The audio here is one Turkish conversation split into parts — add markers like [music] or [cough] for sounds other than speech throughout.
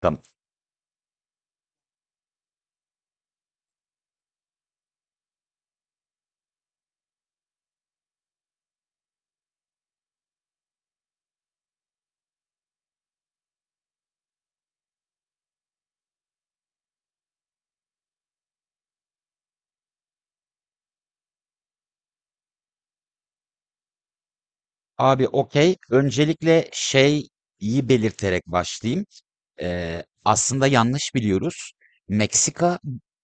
Tamam. Abi okey. Öncelikle şeyi belirterek başlayayım. Aslında yanlış biliyoruz. Meksika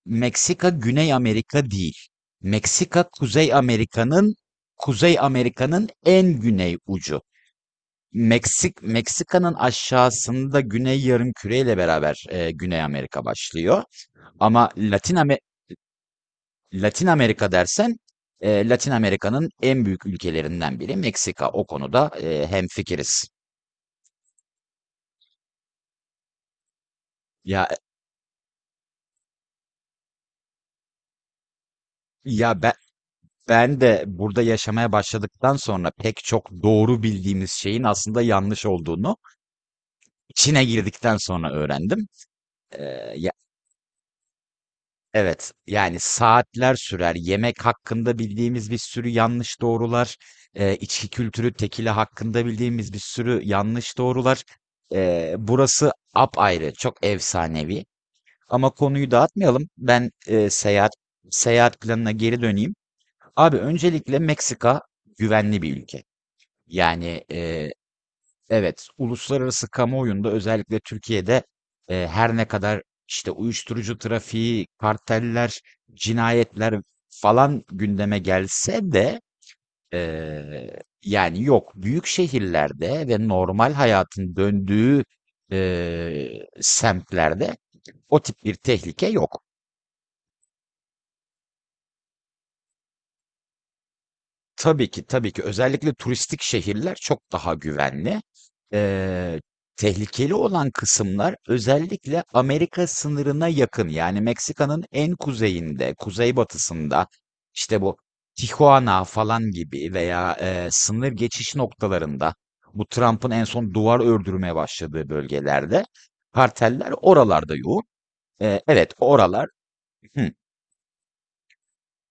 Meksika Güney Amerika değil. Meksika Kuzey Amerika'nın en güney ucu. Meksika'nın aşağısında Güney Yarımküre ile beraber Güney Amerika başlıyor. Ama Latin Amerika dersen, Latin Amerika'nın en büyük ülkelerinden biri Meksika. O konuda hemfikiriz. Ya ya ben ben de burada yaşamaya başladıktan sonra pek çok doğru bildiğimiz şeyin aslında yanlış olduğunu içine girdikten sonra öğrendim. Ya, evet, yani saatler sürer. Yemek hakkında bildiğimiz bir sürü yanlış doğrular, içki kültürü, tekila hakkında bildiğimiz bir sürü yanlış doğrular. Burası apayrı, çok efsanevi. Ama konuyu dağıtmayalım. Ben seyahat planına geri döneyim. Abi öncelikle Meksika güvenli bir ülke. Yani evet, uluslararası kamuoyunda özellikle Türkiye'de her ne kadar işte uyuşturucu trafiği, karteller, cinayetler falan gündeme gelse de e, yani yok, büyük şehirlerde ve normal hayatın döndüğü semtlerde o tip bir tehlike yok. Tabii ki, tabii ki. Özellikle turistik şehirler çok daha güvenli. Eee, Tehlikeli olan kısımlar özellikle Amerika sınırına yakın, yani Meksika'nın en kuzeyinde, kuzeybatısında, işte bu Tijuana falan gibi veya, sınır geçiş noktalarında, bu Trump'ın en son duvar ördürmeye başladığı bölgelerde karteller oralarda yoğun. Evet, oralar. Hı.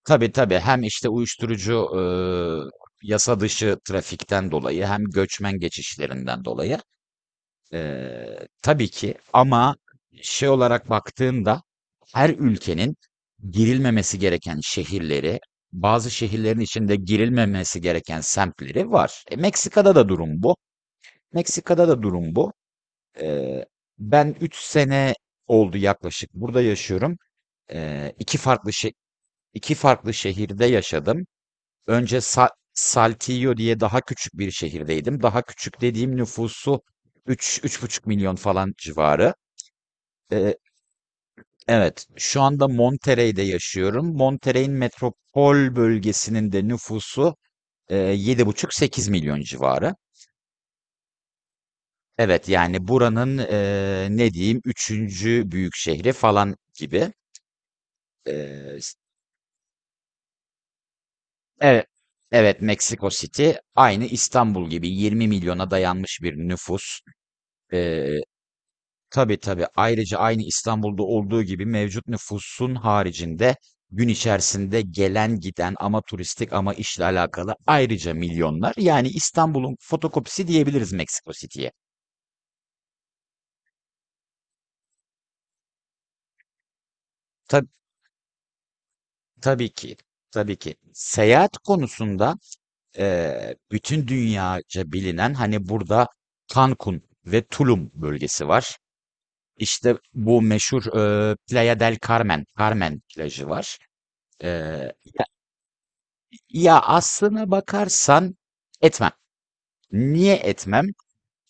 Tabii, tabii, hem işte uyuşturucu yasa dışı trafikten dolayı hem göçmen geçişlerinden dolayı, tabii ki. Ama şey olarak baktığında her ülkenin girilmemesi gereken şehirleri, bazı şehirlerin içinde girilmemesi gereken semtleri var. Meksika'da da durum bu. Meksika'da da durum bu. Eee, Ben 3 sene oldu yaklaşık burada yaşıyorum. Eee iki farklı şe- iki farklı şehirde yaşadım. Önce Saltillo diye daha küçük bir şehirdeydim. Daha küçük dediğim nüfusu 3 3,5 milyon falan civarı. Ee, evet, şu anda Monterrey'de yaşıyorum. Monterrey'in metropol bölgesinin de nüfusu 7,5-8 milyon civarı. Evet, yani buranın ne diyeyim, üçüncü büyük şehri falan gibi. Ee, s- evet, evet, Meksiko City aynı İstanbul gibi 20 milyona dayanmış bir nüfus. Ee, Tabii, tabii. Ayrıca aynı İstanbul'da olduğu gibi mevcut nüfusun haricinde gün içerisinde gelen giden, ama turistik ama işle alakalı, ayrıca milyonlar. Yani İstanbul'un fotokopisi diyebiliriz Meksiko City'ye. Tabii, tabii ki. Tabii ki. Seyahat konusunda, bütün dünyaca bilinen, hani, burada Cancun ve Tulum bölgesi var. İşte bu meşhur, Playa del Carmen, Carmen plajı var. Eee Ya, aslına bakarsan etmem. Niye etmem?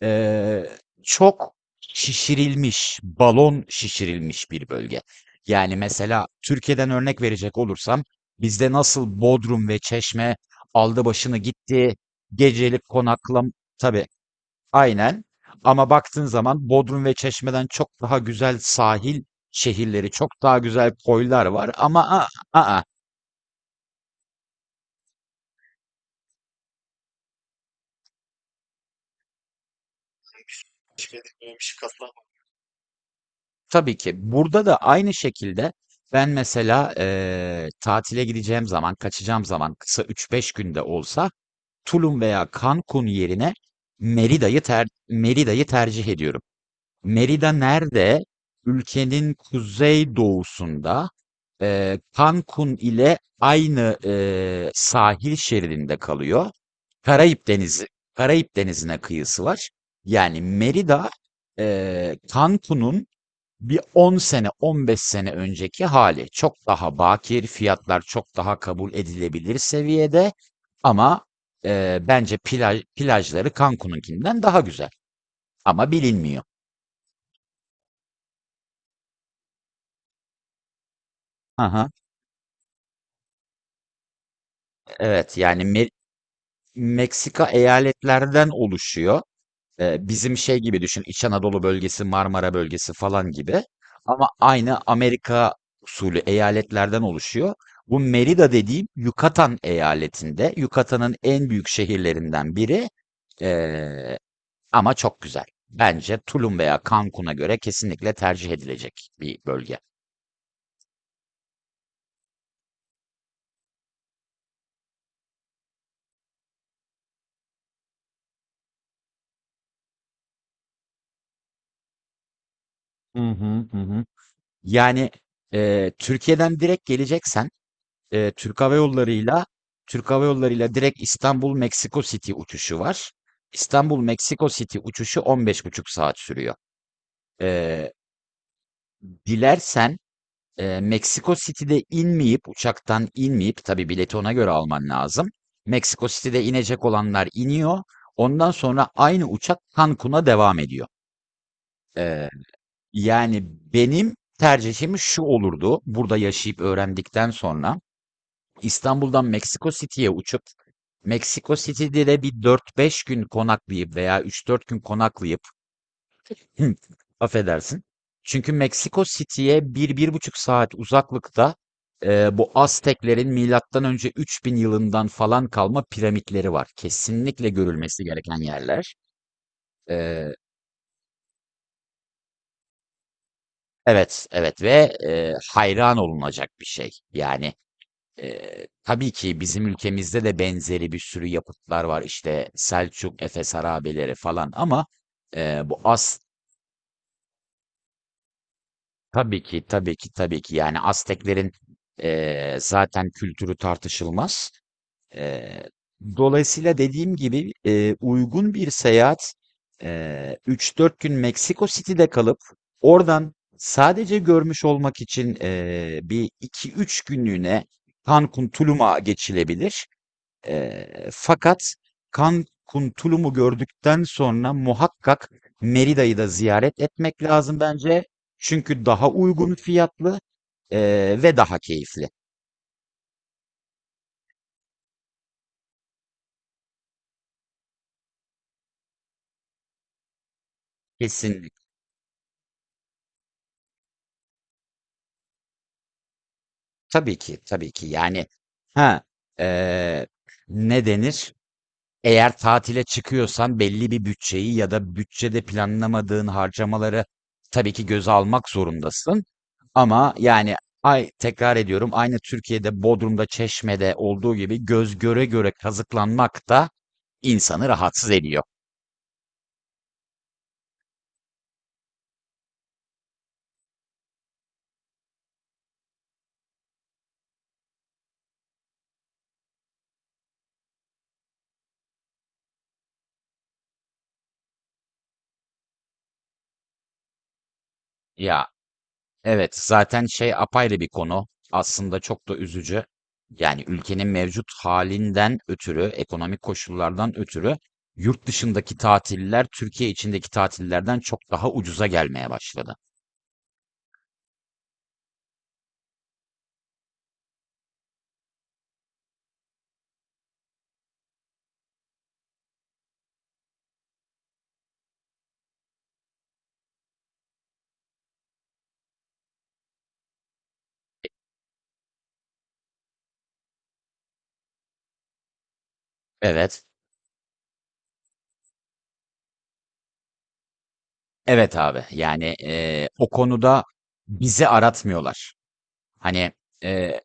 Eee, Çok şişirilmiş, balon şişirilmiş bir bölge. Yani mesela Türkiye'den örnek verecek olursam bizde nasıl Bodrum ve Çeşme aldı başını gitti, gecelik konaklam tabii, aynen. Ama baktığın zaman Bodrum ve Çeşme'den çok daha güzel sahil şehirleri, çok daha güzel koylar var ama a a tabii ki. Burada da aynı şekilde ben mesela tatile gideceğim zaman, kaçacağım zaman, kısa üç beş günde olsa Tulum veya Cancun yerine Merida'yı tercih ediyorum. Merida nerede? Ülkenin kuzey doğusunda, Cancun ile aynı, sahil şeridinde kalıyor. Karayip Denizi, Karayip Denizi'ne kıyısı var. Yani Merida, Cancun'un bir 10 sene, 15 sene önceki hali. Çok daha bakir, fiyatlar çok daha kabul edilebilir seviyede. Ama bence plajları Cancun'unkinden daha güzel. Ama bilinmiyor. Aha. Evet, yani, Meksika eyaletlerden oluşuyor. Bizim şey gibi düşün, İç Anadolu bölgesi, Marmara bölgesi falan gibi. Ama aynı Amerika usulü eyaletlerden oluşuyor. Bu Merida dediğim Yucatan eyaletinde. Yucatan'ın en büyük şehirlerinden biri. Eee, Ama çok güzel. Bence Tulum veya Cancun'a göre kesinlikle tercih edilecek bir bölge. Hı hı. Yani, Türkiye'den direkt geleceksen, e, Türk Hava Yolları'yla Türk Hava Yolları'yla direkt İstanbul Meksiko City uçuşu var. İstanbul Meksiko City uçuşu 15,5 saat sürüyor. E, Dilersen, Meksiko City'de inmeyip, uçaktan inmeyip, tabii bileti ona göre alman lazım. Meksiko City'de inecek olanlar iniyor. Ondan sonra aynı uçak Cancun'a devam ediyor. E, Yani benim tercihim şu olurdu. Burada yaşayıp öğrendikten sonra İstanbul'dan Meksiko City'ye uçup Meksiko City'de de bir dört beş gün konaklayıp veya üç dört gün konaklayıp [laughs] affedersin. Çünkü Meksiko City'ye bir, bir buçuk saat uzaklıkta bu Azteklerin milattan önce 3000 yılından falan kalma piramitleri var. Kesinlikle görülmesi gereken yerler. E, evet, evet ve hayran olunacak bir şey. Yani. Tabii ki bizim ülkemizde de benzeri bir sürü yapıtlar var. İşte Selçuk, Efes harabeleri falan ama bu As tabii ki, tabii ki, tabii ki, yani Azteklerin, zaten kültürü tartışılmaz. Eee, Dolayısıyla dediğim gibi, uygun bir seyahat, 3-4 gün Meksiko City'de kalıp oradan sadece görmüş olmak için bir iki üç günlüğüne Cancun, Tulum'a geçilebilir. Fakat Cancun, Tulum'u gördükten sonra muhakkak Merida'yı da ziyaret etmek lazım bence. Çünkü daha uygun fiyatlı, ve daha keyifli. Kesinlikle. Tabii ki, tabii ki. Yani, ha eee, ne denir? Eğer tatile çıkıyorsan belli bir bütçeyi ya da bütçede planlamadığın harcamaları tabii ki göze almak zorundasın. Ama yani, tekrar ediyorum, aynı Türkiye'de Bodrum'da, Çeşme'de olduğu gibi göz göre göre kazıklanmak da insanı rahatsız ediyor. Ya, evet, zaten şey apayrı bir konu. Aslında çok da üzücü. Yani ülkenin mevcut halinden ötürü, ekonomik koşullardan ötürü yurt dışındaki tatiller Türkiye içindeki tatillerden çok daha ucuza gelmeye başladı. Evet. Evet abi. Yani o konuda bizi aratmıyorlar. Hani, eee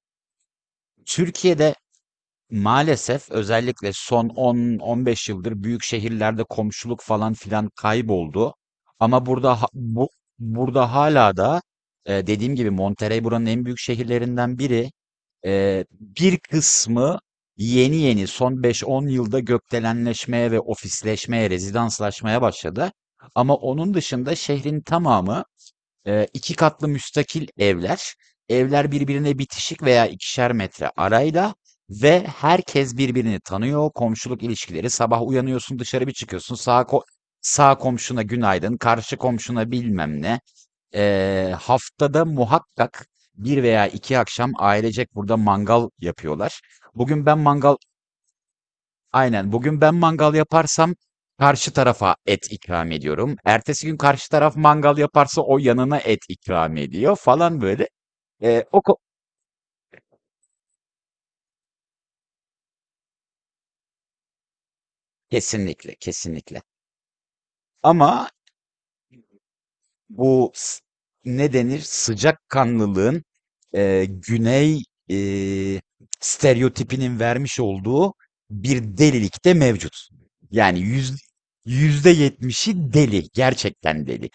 Türkiye'de maalesef özellikle son 10-15 yıldır büyük şehirlerde komşuluk falan filan kayboldu. Ama burada burada hala da, dediğim gibi Monterrey buranın en büyük şehirlerinden biri. Bir kısmı yeni yeni son 5-10 yılda gökdelenleşmeye ve ofisleşmeye, rezidanslaşmaya başladı. Ama onun dışında şehrin tamamı 2 katlı müstakil evler. Evler birbirine bitişik veya 2'şer metre arayla ve herkes birbirini tanıyor. Komşuluk ilişkileri. Sabah uyanıyorsun, dışarı bir çıkıyorsun. Sağ komşuna günaydın, karşı komşuna bilmem ne. Haftada muhakkak bir veya iki akşam ailecek burada mangal yapıyorlar. Bugün ben mangal Aynen. Bugün ben mangal yaparsam karşı tarafa et ikram ediyorum. Ertesi gün karşı taraf mangal yaparsa o yanına et ikram ediyor falan böyle. Ee, o ko- Kesinlikle, kesinlikle. Ama bu s- ne denir? Sıcakkanlılığın, güney, e, stereotipinin vermiş olduğu bir delilik de mevcut. Yani, %70'i deli. Gerçekten deli.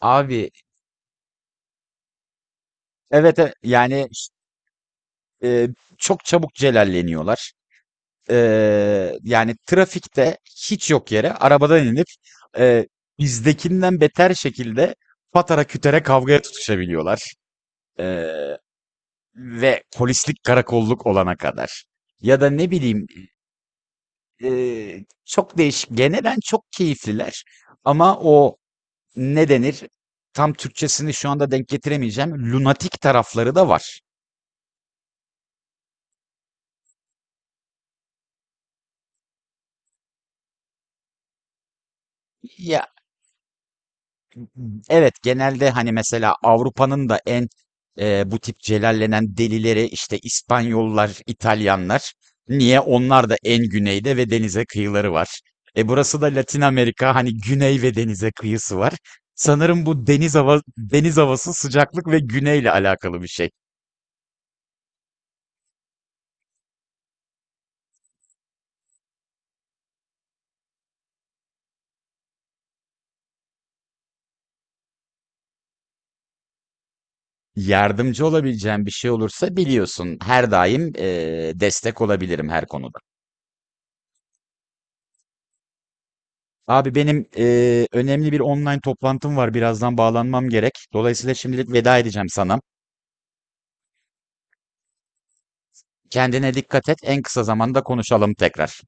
Abi, evet, Eee, çok çabuk celalleniyorlar. Yani trafikte hiç yok yere arabadan inip, eee, bizdekinden beter şekilde patara kütere kavgaya tutuşabiliyorlar. Eee, Ve polislik karakolluk olana kadar. Ya da ne bileyim, çok değişik. Genelen çok keyifliler ama o ne denir? Tam Türkçesini şu anda denk getiremeyeceğim. Lunatik tarafları da var. Ya, evet, genelde, hani, mesela Avrupa'nın da en, bu tip celallenen delileri, işte, İspanyollar, İtalyanlar. Niye? Onlar da en güneyde ve denize kıyıları var. Burası da Latin Amerika, hani, güney ve denize kıyısı var. Sanırım bu deniz havası, sıcaklık ve güneyle alakalı bir şey. Yardımcı olabileceğim bir şey olursa biliyorsun, her daim, destek olabilirim her konuda. Abi benim önemli bir online toplantım var. Birazdan bağlanmam gerek. Dolayısıyla şimdilik veda edeceğim sana. Kendine dikkat et. En kısa zamanda konuşalım tekrar.